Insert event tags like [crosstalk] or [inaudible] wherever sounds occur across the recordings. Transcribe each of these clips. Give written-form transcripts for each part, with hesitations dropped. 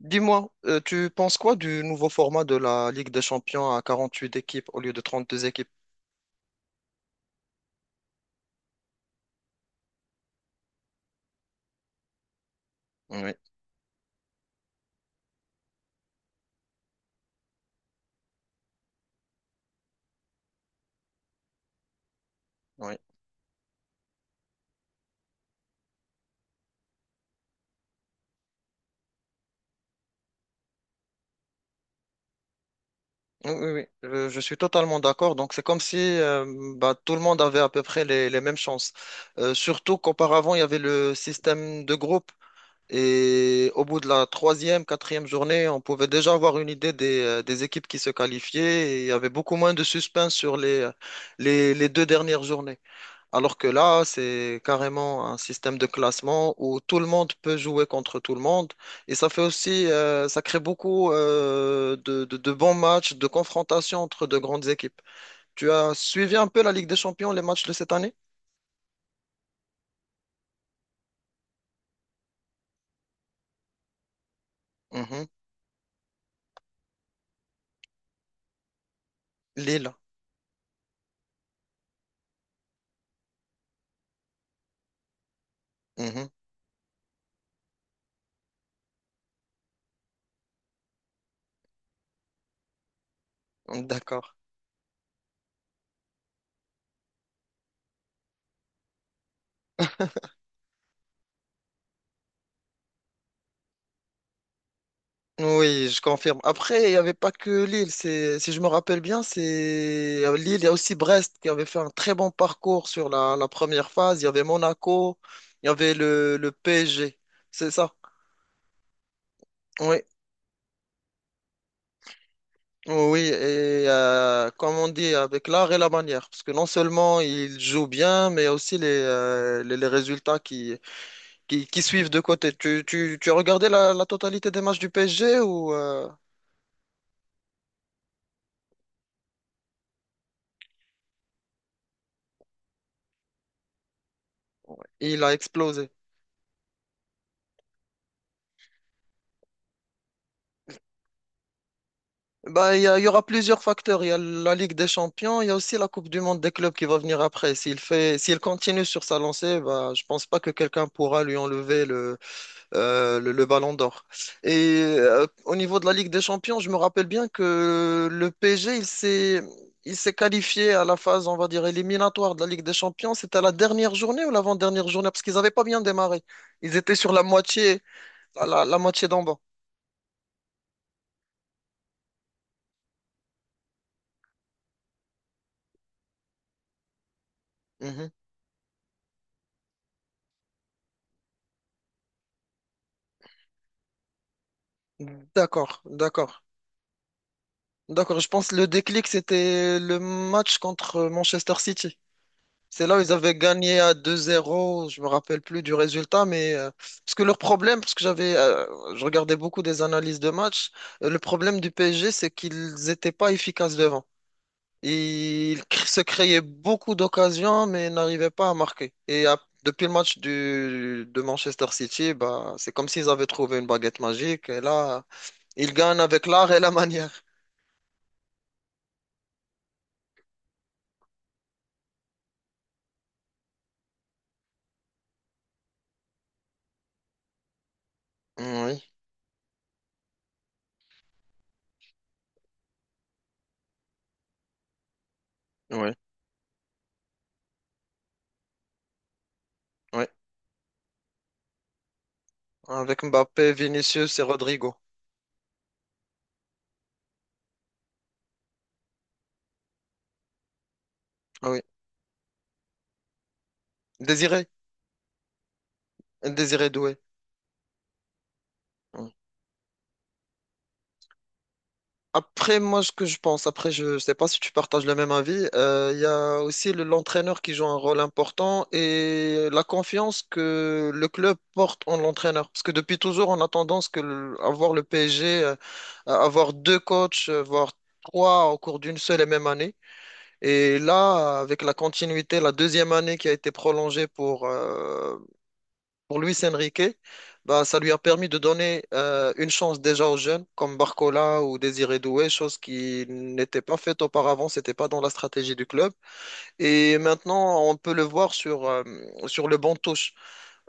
Dis-moi, tu penses quoi du nouveau format de la Ligue des Champions à 48 équipes au lieu de 32 équipes? Oui, oui, oui, oui, oui. Je suis totalement d'accord. Donc, c'est comme si bah, tout le monde avait à peu près les mêmes chances. Surtout qu'auparavant, il y avait le système de groupe. Et au bout de la troisième, quatrième journée, on pouvait déjà avoir une idée des équipes qui se qualifiaient. Et il y avait beaucoup moins de suspense sur les deux dernières journées. Alors que là, c'est carrément un système de classement où tout le monde peut jouer contre tout le monde. Et ça fait aussi, ça crée beaucoup de bons matchs, de confrontations entre de grandes équipes. Tu as suivi un peu la Ligue des Champions, les matchs de cette année? Mhm. Lille. Mhm. D'accord. Oui, je confirme. Après, il n'y avait pas que Lille. C'est, si je me rappelle bien, c'est Lille. Il y a aussi Brest qui avait fait un très bon parcours sur la première phase. Il y avait Monaco. Il y avait le PSG. C'est ça. Oui, oui. Et comme on dit, avec l'art et la manière. Parce que non seulement il joue bien, mais aussi les résultats qui suivent de côté. Tu as regardé la totalité des matchs du PSG ou il a explosé? Bah, il y aura plusieurs facteurs. Il y a la Ligue des Champions, il y a aussi la Coupe du Monde des clubs qui va venir après. S'il continue sur sa lancée, bah, je pense pas que quelqu'un pourra lui enlever le ballon d'or. Et au niveau de la Ligue des Champions, je me rappelle bien que le PSG, il s'est qualifié à la phase, on va dire, éliminatoire de la Ligue des Champions. C'était la dernière journée ou l'avant-dernière journée? Parce qu'ils n'avaient pas bien démarré. Ils étaient sur la moitié, la moitié d'en bas. Mhm. D'accord, d'accord. D'accord, je pense que le déclic, c'était le match contre Manchester City. C'est là où ils avaient gagné à deux zéro, je me rappelle plus du résultat, mais parce que leur problème, parce que je regardais beaucoup des analyses de match, le problème du PSG, c'est qu'ils étaient pas efficaces devant. Ils se créaient beaucoup d'occasions, mais n'arrivaient pas à marquer. Et depuis le match de Manchester City, bah, c'est comme s'ils avaient trouvé une baguette magique, et là, ils gagnent avec l'art et la [laughs] manière. Oui, oui, oui. Avec Mbappé, Vinicius et Rodrigo. Ah oui. Désiré. Désiré Doué. Mm. Après, moi, ce que je pense, après, je sais pas si tu partages le même avis, il y a aussi l'entraîneur qui joue un rôle important et la confiance que le club porte en l'entraîneur. Parce que depuis toujours, on a tendance à voir le PSG, à avoir deux coachs, voire trois au cours d'une seule et même année. Et là, avec la continuité, la deuxième année qui a été prolongée pour Luis Enrique, bah, ça lui a permis de donner une chance déjà aux jeunes comme Barcola ou Désiré Doué, chose qui n'était pas faite auparavant, c'était pas dans la stratégie du club. Et maintenant, on peut le voir sur le banc de touche.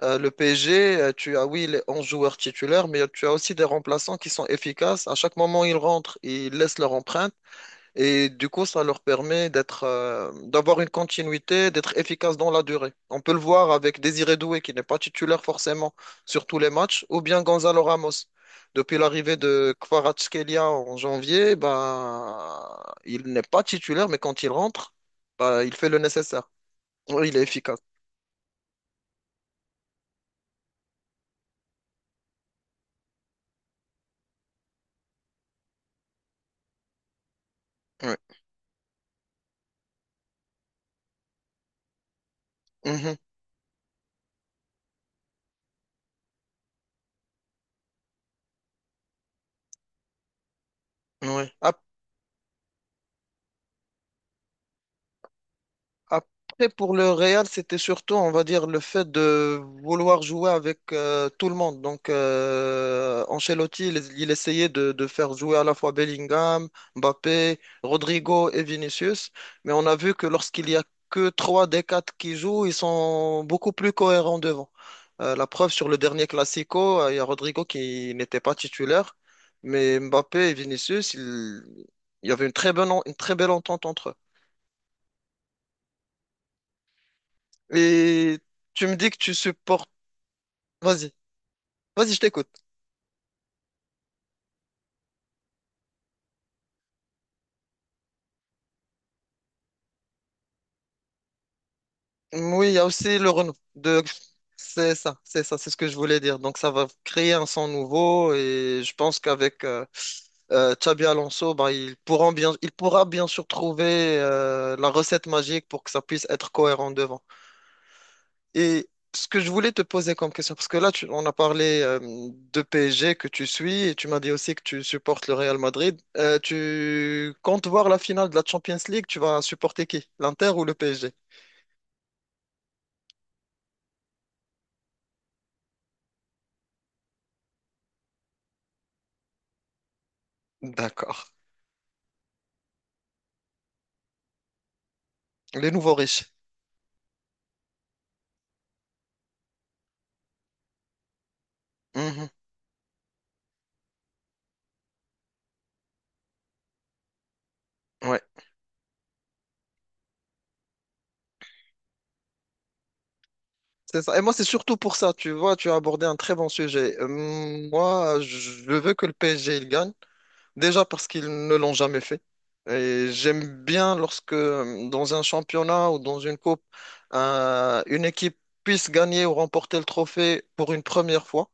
Le PSG, tu as oui les 11 joueurs titulaires, mais tu as aussi des remplaçants qui sont efficaces. À chaque moment, ils rentrent, ils laissent leur empreinte. Et du coup, ça leur permet d'être, d'avoir une continuité, d'être efficace dans la durée. On peut le voir avec Désiré Doué, qui n'est pas titulaire forcément sur tous les matchs, ou bien Gonzalo Ramos. Depuis l'arrivée de Kvaratskhelia en janvier, bah, il n'est pas titulaire, mais quand il rentre, bah, il fait le nécessaire. Oui, il est efficace. Oui. Mhm. Ouais. Après, pour le Real, c'était surtout, on va dire, le fait de vouloir jouer avec tout le monde. Donc, Ancelotti, il essayait de faire jouer à la fois Bellingham, Mbappé, Rodrigo et Vinicius. Mais on a vu que lorsqu'il y a que trois des quatre qui jouent, ils sont beaucoup plus cohérents devant. La preuve sur le dernier Classico, il y a Rodrigo qui n'était pas titulaire, mais Mbappé et Vinicius, il y avait une très belle entente entre eux. Et tu me dis que tu supportes. Vas-y, vas-y, je t'écoute. Oui, il y a aussi le Renault. De... C'est ça, c'est ça, c'est ce que je voulais dire. Donc, ça va créer un son nouveau et je pense qu'avec Xabi Alonso, bah, il pourra bien sûr trouver la recette magique pour que ça puisse être cohérent devant. Et ce que je voulais te poser comme question, parce que là, on a parlé de PSG que tu suis et tu m'as dit aussi que tu supportes le Real Madrid. Tu comptes voir la finale de la Champions League, tu vas supporter qui? L'Inter ou le PSG? D'accord. Les nouveaux riches. Mhm. Ouais, c'est ça. Et moi, c'est surtout pour ça, tu vois, tu as abordé un très bon sujet. Moi, je veux que le PSG il gagne. Déjà parce qu'ils ne l'ont jamais fait. Et j'aime bien lorsque dans un championnat ou dans une coupe, une équipe puisse gagner ou remporter le trophée pour une première fois.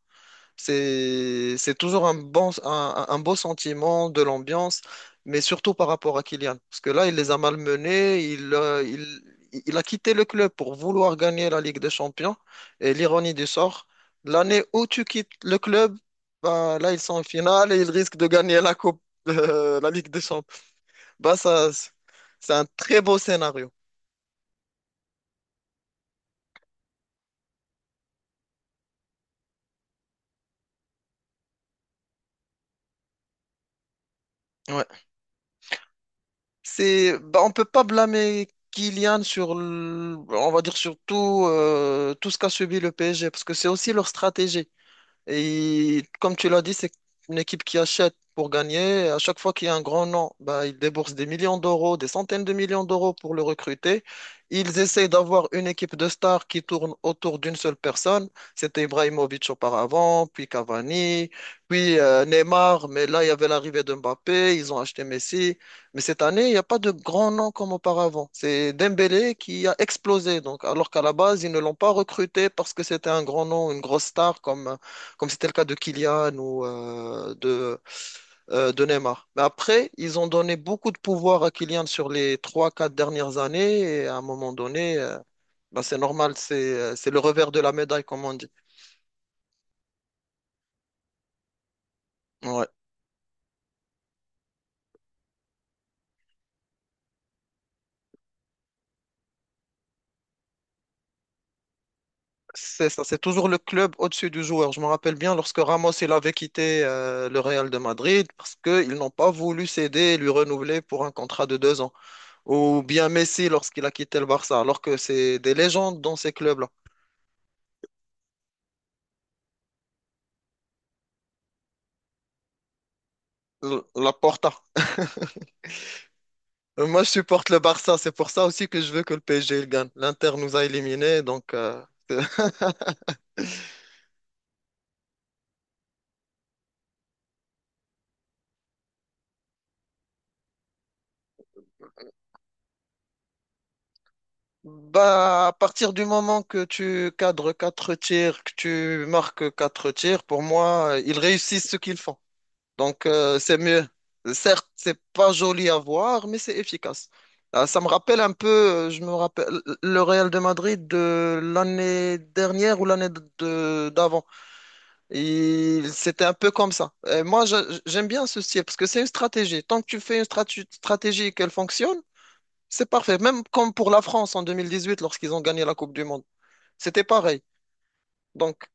C'est toujours un bon, un beau sentiment de l'ambiance, mais surtout par rapport à Kylian. Parce que là, il les a malmenés, il a quitté le club pour vouloir gagner la Ligue des Champions. Et l'ironie du sort, l'année où tu quittes le club, bah, là, ils sont en finale et ils risquent de gagner la coupe, la Ligue des Champions. Bah, ça, c'est un très beau scénario. Ouais. Bah, on peut pas blâmer Kylian on va dire surtout tout ce qu'a subi le PSG, parce que c'est aussi leur stratégie. Et comme tu l'as dit, c'est une équipe qui achète pour gagner. À chaque fois qu'il y a un grand nom, bah, ils déboursent des millions d'euros, des centaines de millions d'euros pour le recruter. Ils essayent d'avoir une équipe de stars qui tourne autour d'une seule personne. C'était Ibrahimovic auparavant, puis Cavani, puis Neymar. Mais là, il y avait l'arrivée de Mbappé. Ils ont acheté Messi. Mais cette année, il n'y a pas de grand nom comme auparavant. C'est Dembélé qui a explosé. Donc, alors qu'à la base, ils ne l'ont pas recruté parce que c'était un grand nom, une grosse star comme c'était le cas de Kylian ou de Neymar. Mais après, ils ont donné beaucoup de pouvoir à Kylian sur les trois quatre dernières années et à un moment donné, bah, c'est normal, c'est le revers de la médaille, comme on dit. Ouais. C'est ça, c'est toujours le club au-dessus du joueur. Je me rappelle bien lorsque Ramos il avait quitté le Real de Madrid parce qu'ils n'ont pas voulu céder et lui renouveler pour un contrat de deux ans. Ou bien Messi lorsqu'il a quitté le Barça, alors que c'est des légendes dans ces clubs-là. La porta. Moi, je supporte le Barça. C'est pour ça aussi que je veux que le PSG il gagne. L'Inter nous a éliminés, donc [laughs] Bah, à partir du moment que tu cadres quatre tirs, que tu marques quatre tirs, pour moi, ils réussissent ce qu'ils font. Donc, c'est mieux. Certes, c'est pas joli à voir, mais c'est efficace. Ah, ça me rappelle un peu, je me rappelle le Real de Madrid de l'année dernière ou l'année d'avant. Et c'était un peu comme ça. Et moi, j'aime bien ce style parce que c'est une stratégie. Tant que tu fais une stratégie et qu'elle fonctionne, c'est parfait. Même comme pour la France en 2018 lorsqu'ils ont gagné la Coupe du Monde. C'était pareil. Donc,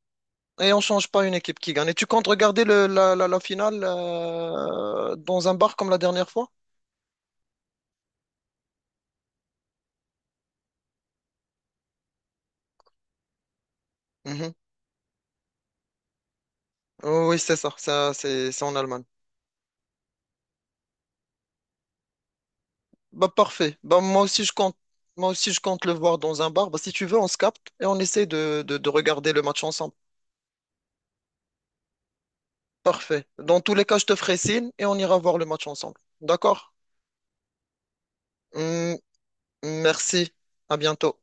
et on change pas une équipe qui gagne. Et tu comptes regarder la finale dans un bar comme la dernière fois? Mhm. Oh oui, c'est ça. Ça, c'est en Allemagne. Bah, parfait. Bah, moi aussi, je compte. Moi aussi, je compte le voir dans un bar. Bah, si tu veux, on se capte et on essaie de regarder le match ensemble. Parfait. Dans tous les cas, je te ferai signe et on ira voir le match ensemble. D'accord? Hum, merci. À bientôt.